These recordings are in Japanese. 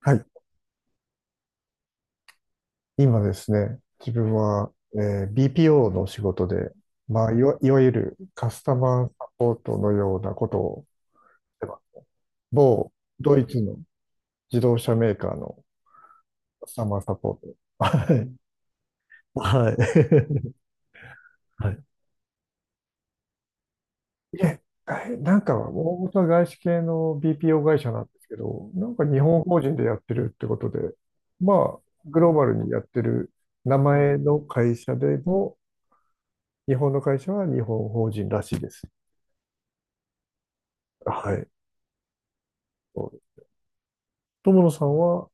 はい。今ですね、自分は、BPO の仕事で、まあ、いわゆるカスタマーサポートのようなことをしてます、某ドイツの自動車メーカーのカスタマーサポート。はい。はい。はい。いえ、なんか、大元は外資系の BPO 会社なんですけど、なんか日本法人でやってるってことで、まあ、グローバルにやってる名前の会社でも、日本の会社は日本法人らしいです。はい。そう。友野さんは、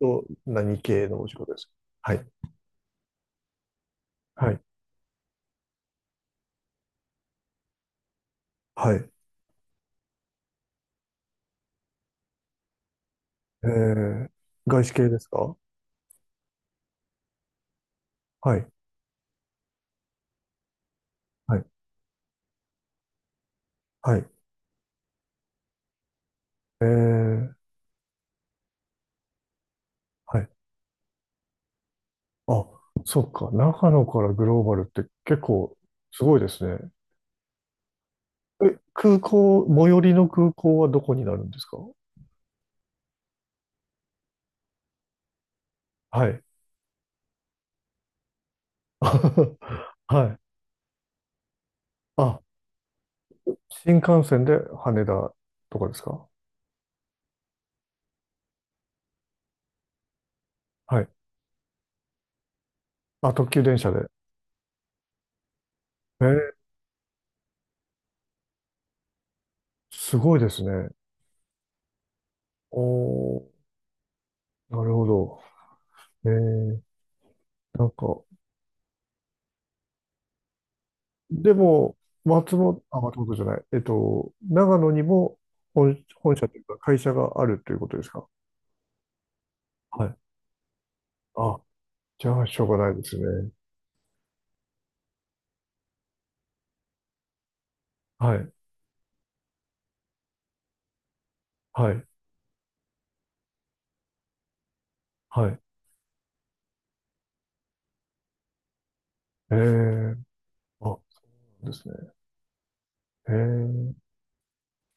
と何系のお仕事ですか？はい。はい。はい。えー、外資系ですか？はい。はい。はい。えー、はい。あ、そっか。長野からグローバルって結構すごいですね。え、空港、最寄りの空港はどこになるんですか？はい。はい。あ、新幹線で羽田とかですか？はい。あ、特急電車で。えー、すごいですね。おー、なるほど。えーなんか、でも、松本、あ、松本じゃない、長野にも本社というか会社があるということですか？はい。あ、じゃあ、しょうがないですね。はい、はい、はい。ええ、あ、そうですね。ええ、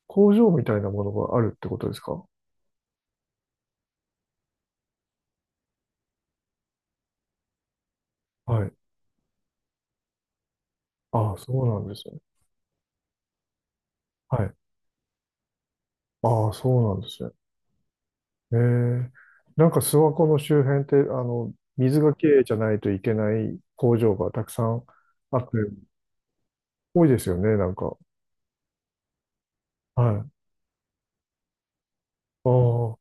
工場みたいなものがあるってことですか？はい。あ、そうなんですね。はい。あ、そうなんですね。ええ、なんか諏訪湖の周辺って、あの、水がきれいじゃないといけない工場がたくさんあって、多いですよね、なんか。はい。ああ、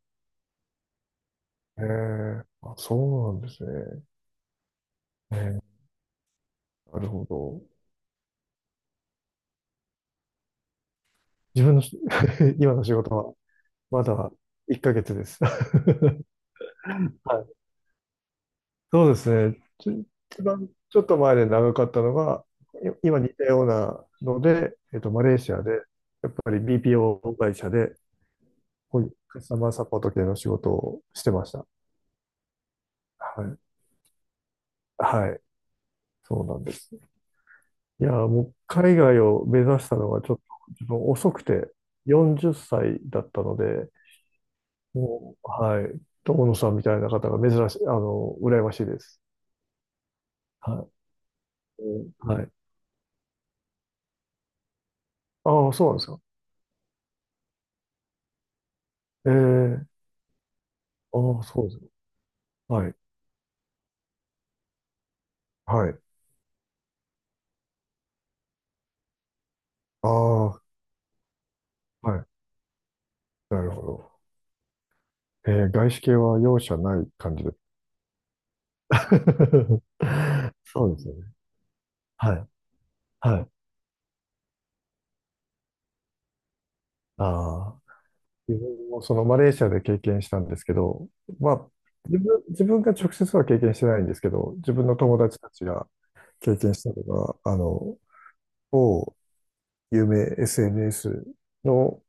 ええ、あ、そうなんですね。ええ、なるほど。自分のし 今の仕事は、まだ1ヶ月です。はい。そうですね。一番ちょっと前で長かったのが、今似たようなので、マレーシアで、やっぱり BPO 会社で、こういうカスタマーサポート系の仕事をしてました。はい。はい。そうなんです。いや、もう海外を目指したのがちょっと自分遅くて40歳だったので、もう、はい、友野さんみたいな方が珍しい、羨ましいです。はい。うん、はい。ああ、そうなんですか。ええ、ああ、そうですか。はい。はい。ああ、はい。なるほど。ええ、外資系は容赦ない感じです。そうですよね。はい。はい。ああ。自分もそのマレーシアで経験したんですけど、まあ、自分が直接は経験してないんですけど、自分の友達たちが経験したのが、某有名 SNS の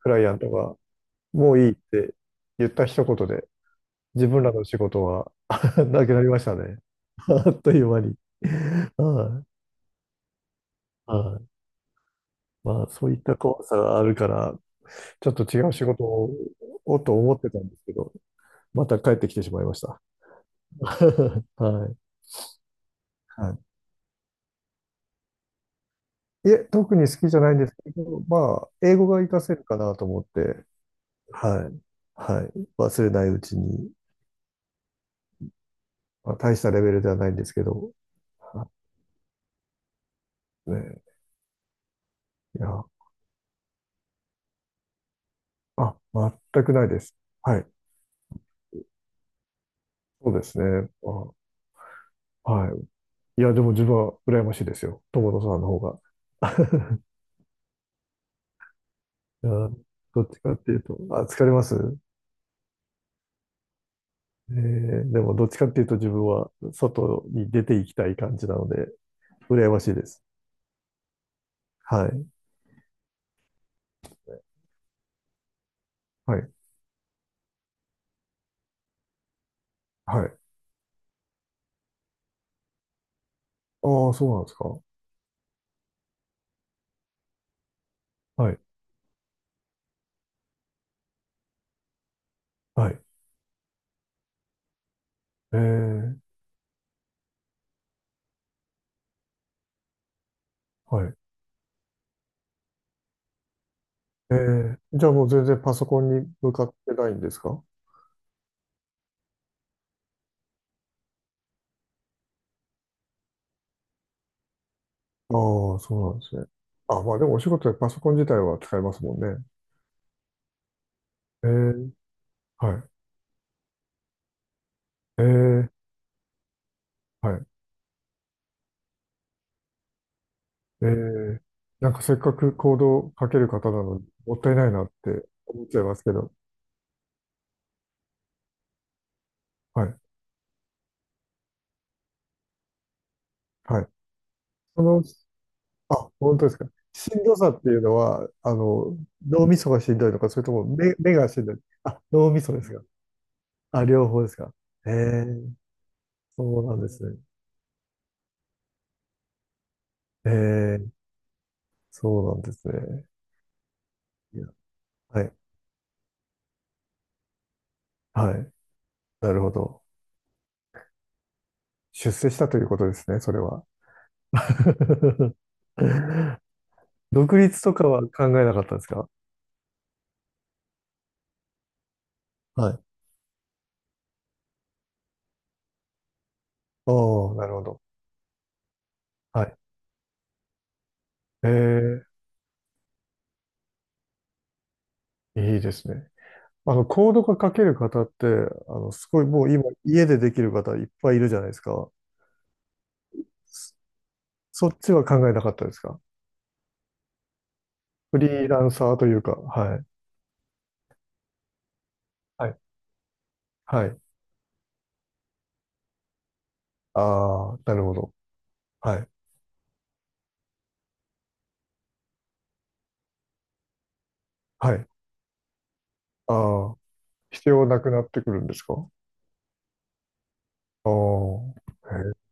クライアントが、もういいって言った一言で、自分らの仕事は なくなりましたね。あっという間に。はい。はい。まあ、そういった怖さがあるから、ちょっと違う仕事を、と思ってたんですけど、また帰ってきてしまいました。はい。はい。いえ、特に好きじゃないんですけど、まあ、英語が活かせるかなと思って、はい。はい。忘れないうちに、まあ、大したレベルではないんですけど、はい、ね。いや、あ、全くないです。はい。そうですね。あ、はい。いや、でも自分は羨ましいですよ。友野さんの方が。いや、どっちかっていうと、あ、疲れます？でもどっちかっていうと自分は外に出ていきたい感じなので、羨ましいです。はい。はい。はい。ああ、そうなんですか。はい。はい。えーはい。えじゃあもう全然パソコンに向かってないんですか？ああ、そうなんですね。あ、まあでもお仕事でパソコン自体は使えますもんね。えーはい。えーはい。えーなんかせっかくコードを書ける方なのに、もったいないなって思っちゃいますけど。はい。はい。その、あ、本当ですか。しんどさっていうのは、脳みそがしんどいのか、それとも目がしんどい？あ、脳みそですが。あ、両方ですか。へえ、そうなんですね。ええ、そうなんですね。いや、はい、はい。なるほど。出世したということですね、それは。独立とかは考えなかったですか？はい。おー、なるほど。はい。えー、いいですね。コードが書ける方って、すごいもう今、家でできる方いっぱいいるじゃないですか。そそっちは考えなかったですか？フリーランサーというか、はい。はい。はい。ああ、なるほど。はい。はい。ああ、必要なくなってくるんですか？ああ、へえ、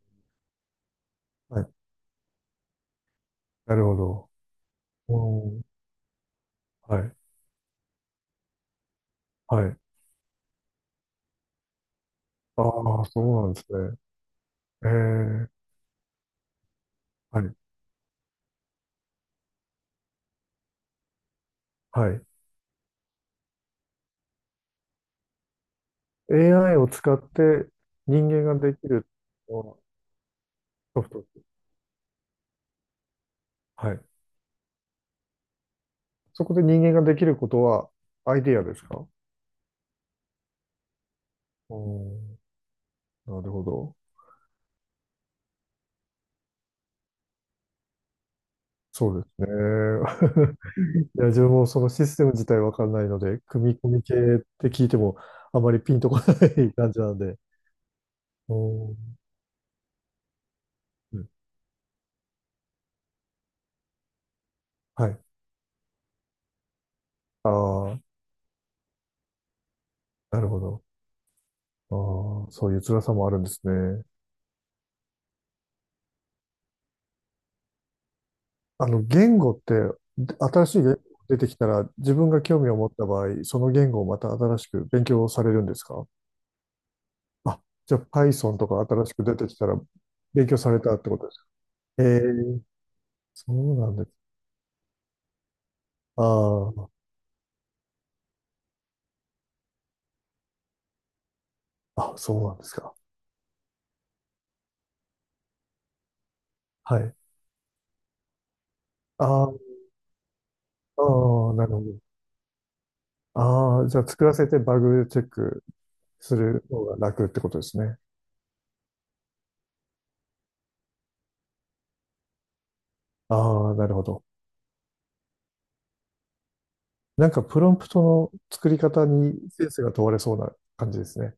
はい。なるほど。おー、はい。はい。ああ、そうなんですね。ええ、はい。はい。AI を使って人間ができるのはソフト。はい。そこで人間ができることはアイディアですか？おー、なるほど。そうですね。いや、自分もそのシステム自体わかんないので、組み込み系って聞いてもあまりピンとこない感じなんで。おー、うん、はい。ああ、なるほど。ああ、そういう辛さもあるんですね。言語って、で新しい言語出てきたら、自分が興味を持った場合、その言語をまた新しく勉強されるんですか？あ、じゃあ Python とか新しく出てきたら、勉強されたってことですか？ええ、そうなんです。ああ、あ、そうなんですか。はい。ああ、ああ、なるほど。ああ、じゃあ作らせてバグチェックする方が楽ってことですね。ああ、なるほど。なんかプロンプトの作り方にセンスが問われそうな感じですね。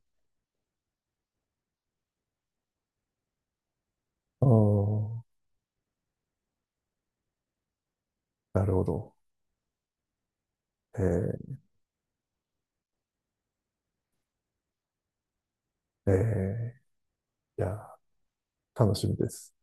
うん。なるほど。えーえーいや、楽しみです。